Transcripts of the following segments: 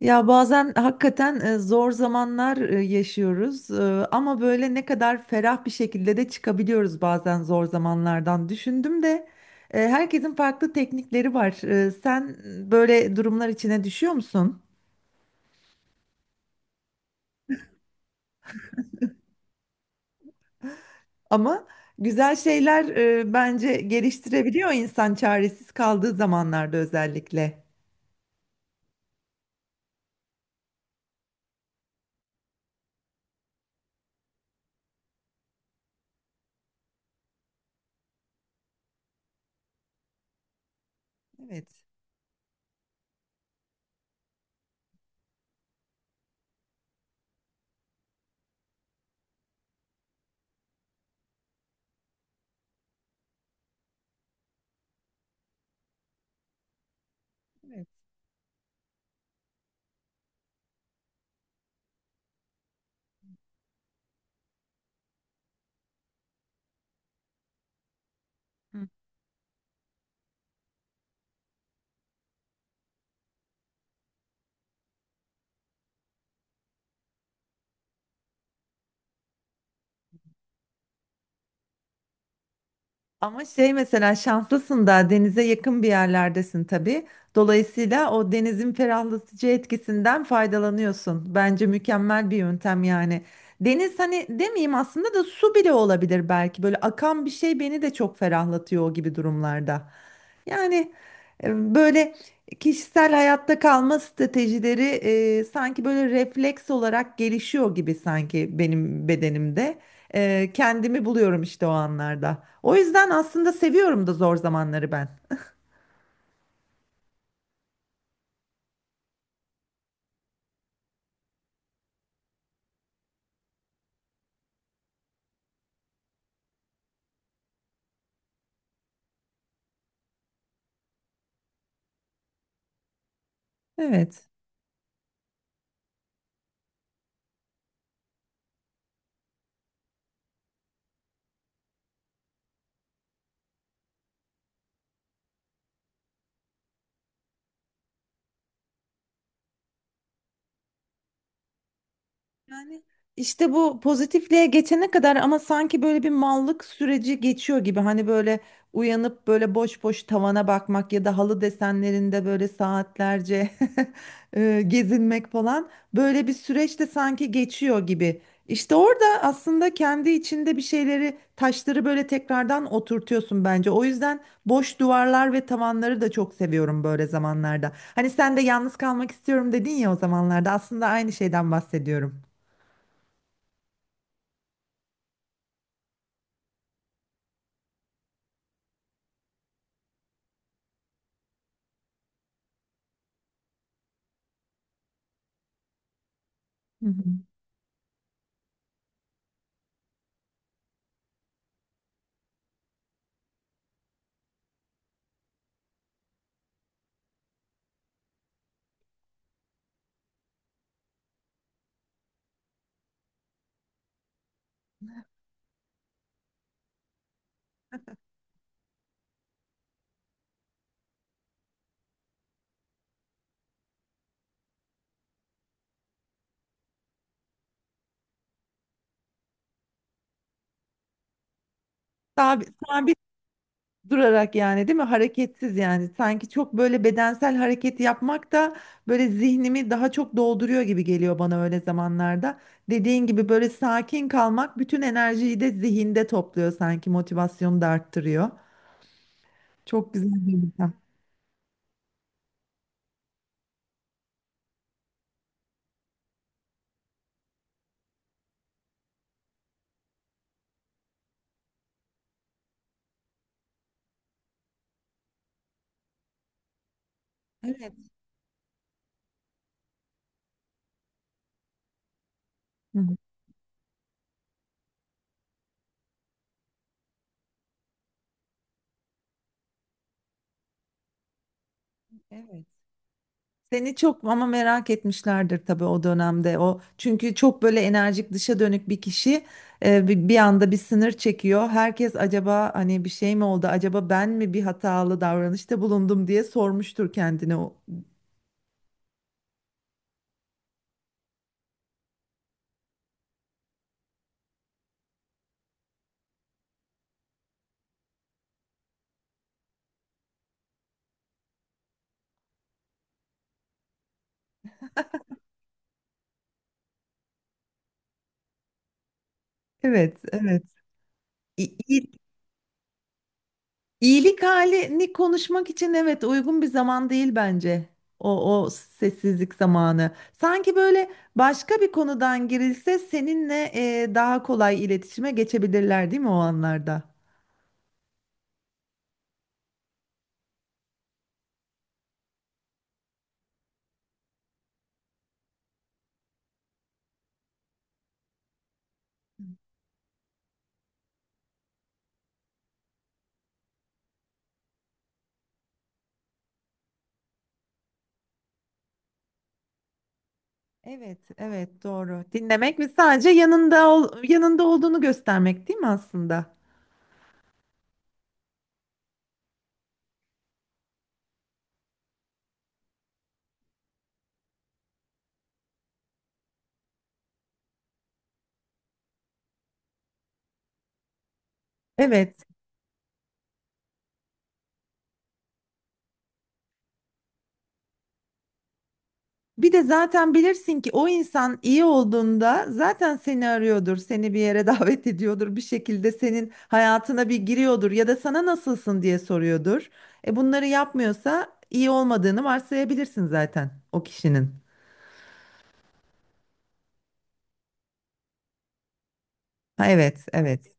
Ya bazen hakikaten zor zamanlar yaşıyoruz ama böyle ne kadar ferah bir şekilde de çıkabiliyoruz bazen zor zamanlardan. Düşündüm de herkesin farklı teknikleri var. Sen böyle durumlar içine düşüyor musun? Ama güzel şeyler bence geliştirebiliyor insan çaresiz kaldığı zamanlarda özellikle. Evet. Evet. Ama şey mesela şanslısın da denize yakın bir yerlerdesin tabii. Dolayısıyla o denizin ferahlatıcı etkisinden faydalanıyorsun. Bence mükemmel bir yöntem yani. Deniz hani demeyeyim aslında da su bile olabilir belki. Böyle akan bir şey beni de çok ferahlatıyor o gibi durumlarda. Yani böyle kişisel hayatta kalma stratejileri sanki böyle refleks olarak gelişiyor gibi sanki benim bedenimde. Kendimi buluyorum işte o anlarda. O yüzden aslında seviyorum da zor zamanları ben. Evet. Yani işte bu pozitifliğe geçene kadar ama sanki böyle bir mallık süreci geçiyor gibi. Hani böyle uyanıp böyle boş boş tavana bakmak ya da halı desenlerinde böyle saatlerce gezinmek falan böyle bir süreç de sanki geçiyor gibi. İşte orada aslında kendi içinde bir şeyleri, taşları böyle tekrardan oturtuyorsun bence. O yüzden boş duvarlar ve tavanları da çok seviyorum böyle zamanlarda. Hani sen de yalnız kalmak istiyorum dedin ya o zamanlarda. Aslında aynı şeyden bahsediyorum. Hı hı. Sabit durarak yani değil mi? Hareketsiz yani. Sanki çok böyle bedensel hareket yapmak da böyle zihnimi daha çok dolduruyor gibi geliyor bana öyle zamanlarda. Dediğin gibi böyle sakin kalmak bütün enerjiyi de zihinde topluyor sanki motivasyonu da arttırıyor. Çok güzel bir yöntem. Evet. Hı hı. Evet. Seni çok ama merak etmişlerdir tabii o dönemde. O çünkü çok böyle enerjik dışa dönük bir kişi bir anda bir sınır çekiyor. Herkes acaba hani bir şey mi oldu? Acaba ben mi bir hatalı davranışta bulundum diye sormuştur kendine. O. Evet, evet. İ- iyi- İyilik halini konuşmak için evet uygun bir zaman değil bence. O, o sessizlik zamanı. Sanki böyle başka bir konudan girilse seninle daha kolay iletişime geçebilirler değil mi o anlarda? Evet, evet doğru. Dinlemek ve sadece yanında ol, yanında olduğunu göstermek değil mi aslında? Evet. Bir de zaten bilirsin ki o insan iyi olduğunda zaten seni arıyordur, seni bir yere davet ediyordur, bir şekilde senin hayatına bir giriyordur ya da sana nasılsın diye soruyordur. E bunları yapmıyorsa iyi olmadığını varsayabilirsin zaten o kişinin. Ha, evet, evet.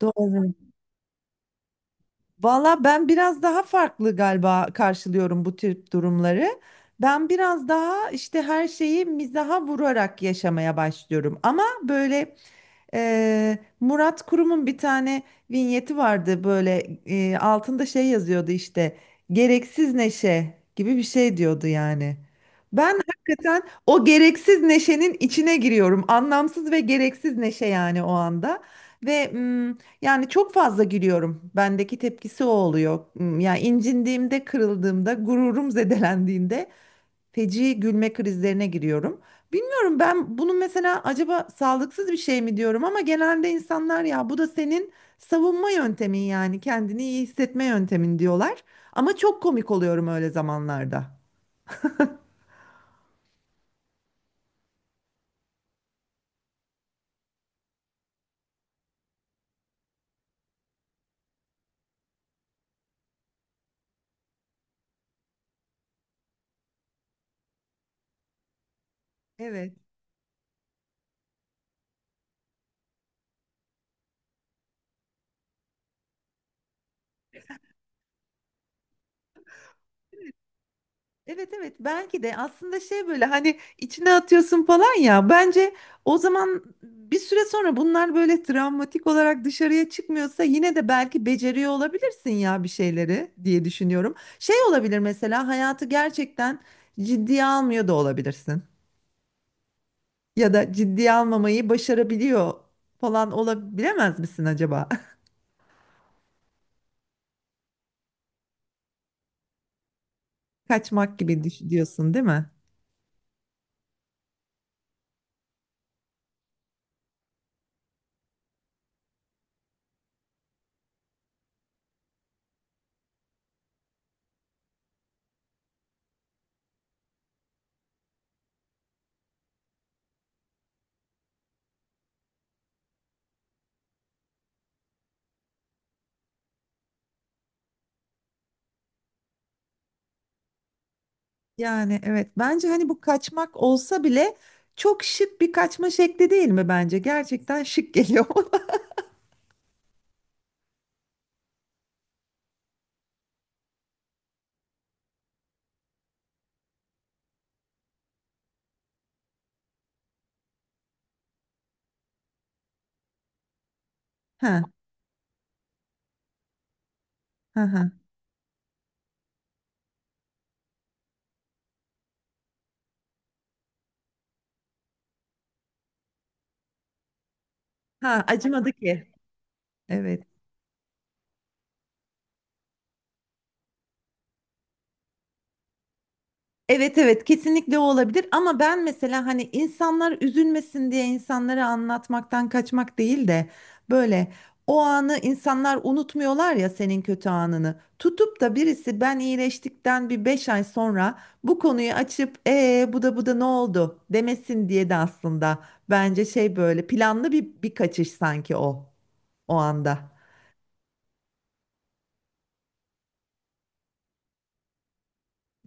Doğru. Valla ben biraz daha farklı galiba karşılıyorum bu tür durumları. Ben biraz daha işte her şeyi mizaha vurarak yaşamaya başlıyorum. Ama böyle Murat Kurum'un bir tane vinyeti vardı böyle altında şey yazıyordu işte gereksiz neşe gibi bir şey diyordu yani. Ben hakikaten o gereksiz neşenin içine giriyorum. Anlamsız ve gereksiz neşe yani o anda. Ve yani çok fazla gülüyorum. Bendeki tepkisi o oluyor. Hmm, yani incindiğimde, kırıldığımda, gururum zedelendiğinde feci gülme krizlerine giriyorum. Bilmiyorum ben bunu mesela acaba sağlıksız bir şey mi diyorum ama genelde insanlar ya bu da senin savunma yöntemin yani kendini iyi hissetme yöntemin diyorlar. Ama çok komik oluyorum öyle zamanlarda. Evet. Evet evet belki de aslında şey böyle hani içine atıyorsun falan ya bence o zaman bir süre sonra bunlar böyle travmatik olarak dışarıya çıkmıyorsa yine de belki beceriyor olabilirsin ya bir şeyleri diye düşünüyorum. Şey olabilir mesela hayatı gerçekten ciddiye almıyor da olabilirsin ya da ciddiye almamayı başarabiliyor falan olabilemez misin acaba? Diyorsun değil mi? Yani evet bence hani bu kaçmak olsa bile çok şık bir kaçma şekli değil mi bence? Gerçekten şık geliyor. Ha ha ha. Ha acımadı ki. Evet. Evet evet kesinlikle o olabilir ama ben mesela hani insanlar üzülmesin diye insanlara anlatmaktan kaçmak değil de böyle o anı insanlar unutmuyorlar ya senin kötü anını. Tutup da birisi ben iyileştikten bir 5 ay sonra bu konuyu açıp bu da bu da ne oldu demesin diye de aslında bence şey böyle planlı bir kaçış sanki o o anda.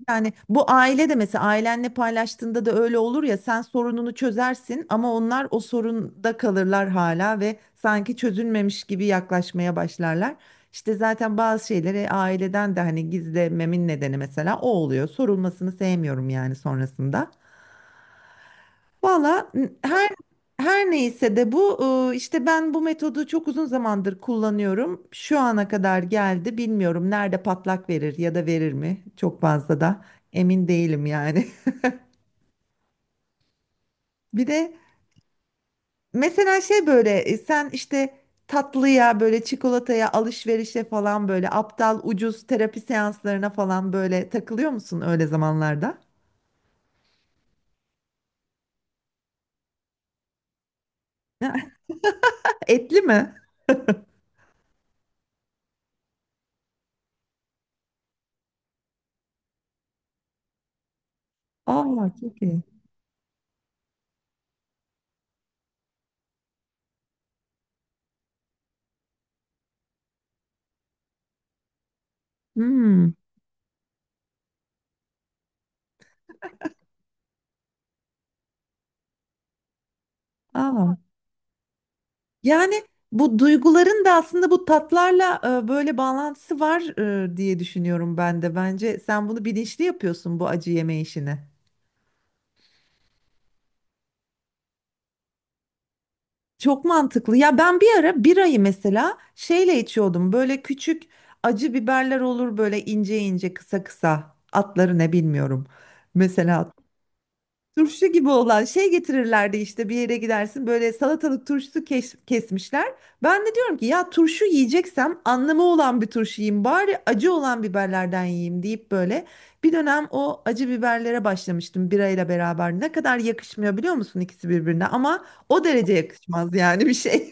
Yani bu aile de mesela ailenle paylaştığında da öyle olur ya sen sorununu çözersin ama onlar o sorunda kalırlar hala ve sanki çözülmemiş gibi yaklaşmaya başlarlar. İşte zaten bazı şeyleri aileden de hani gizlememin nedeni mesela o oluyor. Sorulmasını sevmiyorum yani sonrasında. Valla her her neyse de bu işte ben bu metodu çok uzun zamandır kullanıyorum. Şu ana kadar geldi. Bilmiyorum nerede patlak verir ya da verir mi? Çok fazla da emin değilim yani. Bir de mesela şey böyle sen işte tatlıya böyle çikolataya alışverişe falan böyle aptal ucuz terapi seanslarına falan böyle takılıyor musun öyle zamanlarda? Etli mi? Aa çok iyi. Hmm. Aa. Yani bu duyguların da aslında bu tatlarla böyle bağlantısı var diye düşünüyorum ben de. Bence sen bunu bilinçli yapıyorsun bu acı yeme işini. Çok mantıklı. Ya ben bir ara birayı mesela şeyle içiyordum. Böyle küçük acı biberler olur böyle ince ince kısa kısa. Atları ne bilmiyorum. Mesela turşu gibi olan şey getirirlerdi işte bir yere gidersin böyle salatalık turşusu kesmişler. Ben de diyorum ki ya turşu yiyeceksem anlamı olan bir turşu yiyeyim bari acı olan biberlerden yiyeyim deyip böyle bir dönem o acı biberlere başlamıştım birayla beraber. Ne kadar yakışmıyor biliyor musun ikisi birbirine ama o derece yakışmaz yani bir şey.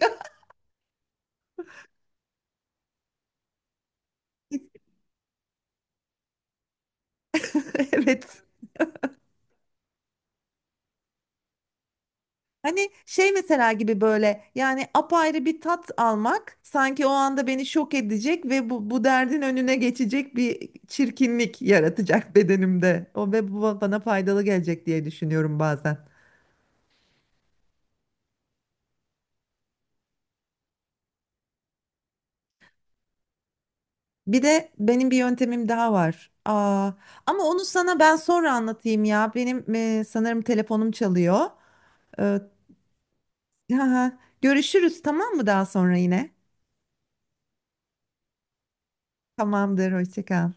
Evet. Hani şey mesela gibi böyle yani apayrı bir tat almak sanki o anda beni şok edecek ve bu, bu derdin önüne geçecek bir çirkinlik yaratacak bedenimde. O ve bu bana faydalı gelecek diye düşünüyorum bazen. Bir de benim bir yöntemim daha var. Aa, ama onu sana ben sonra anlatayım ya. Benim sanırım telefonum çalıyor. Ee, görüşürüz tamam mı daha sonra yine? Tamamdır hoşça kal.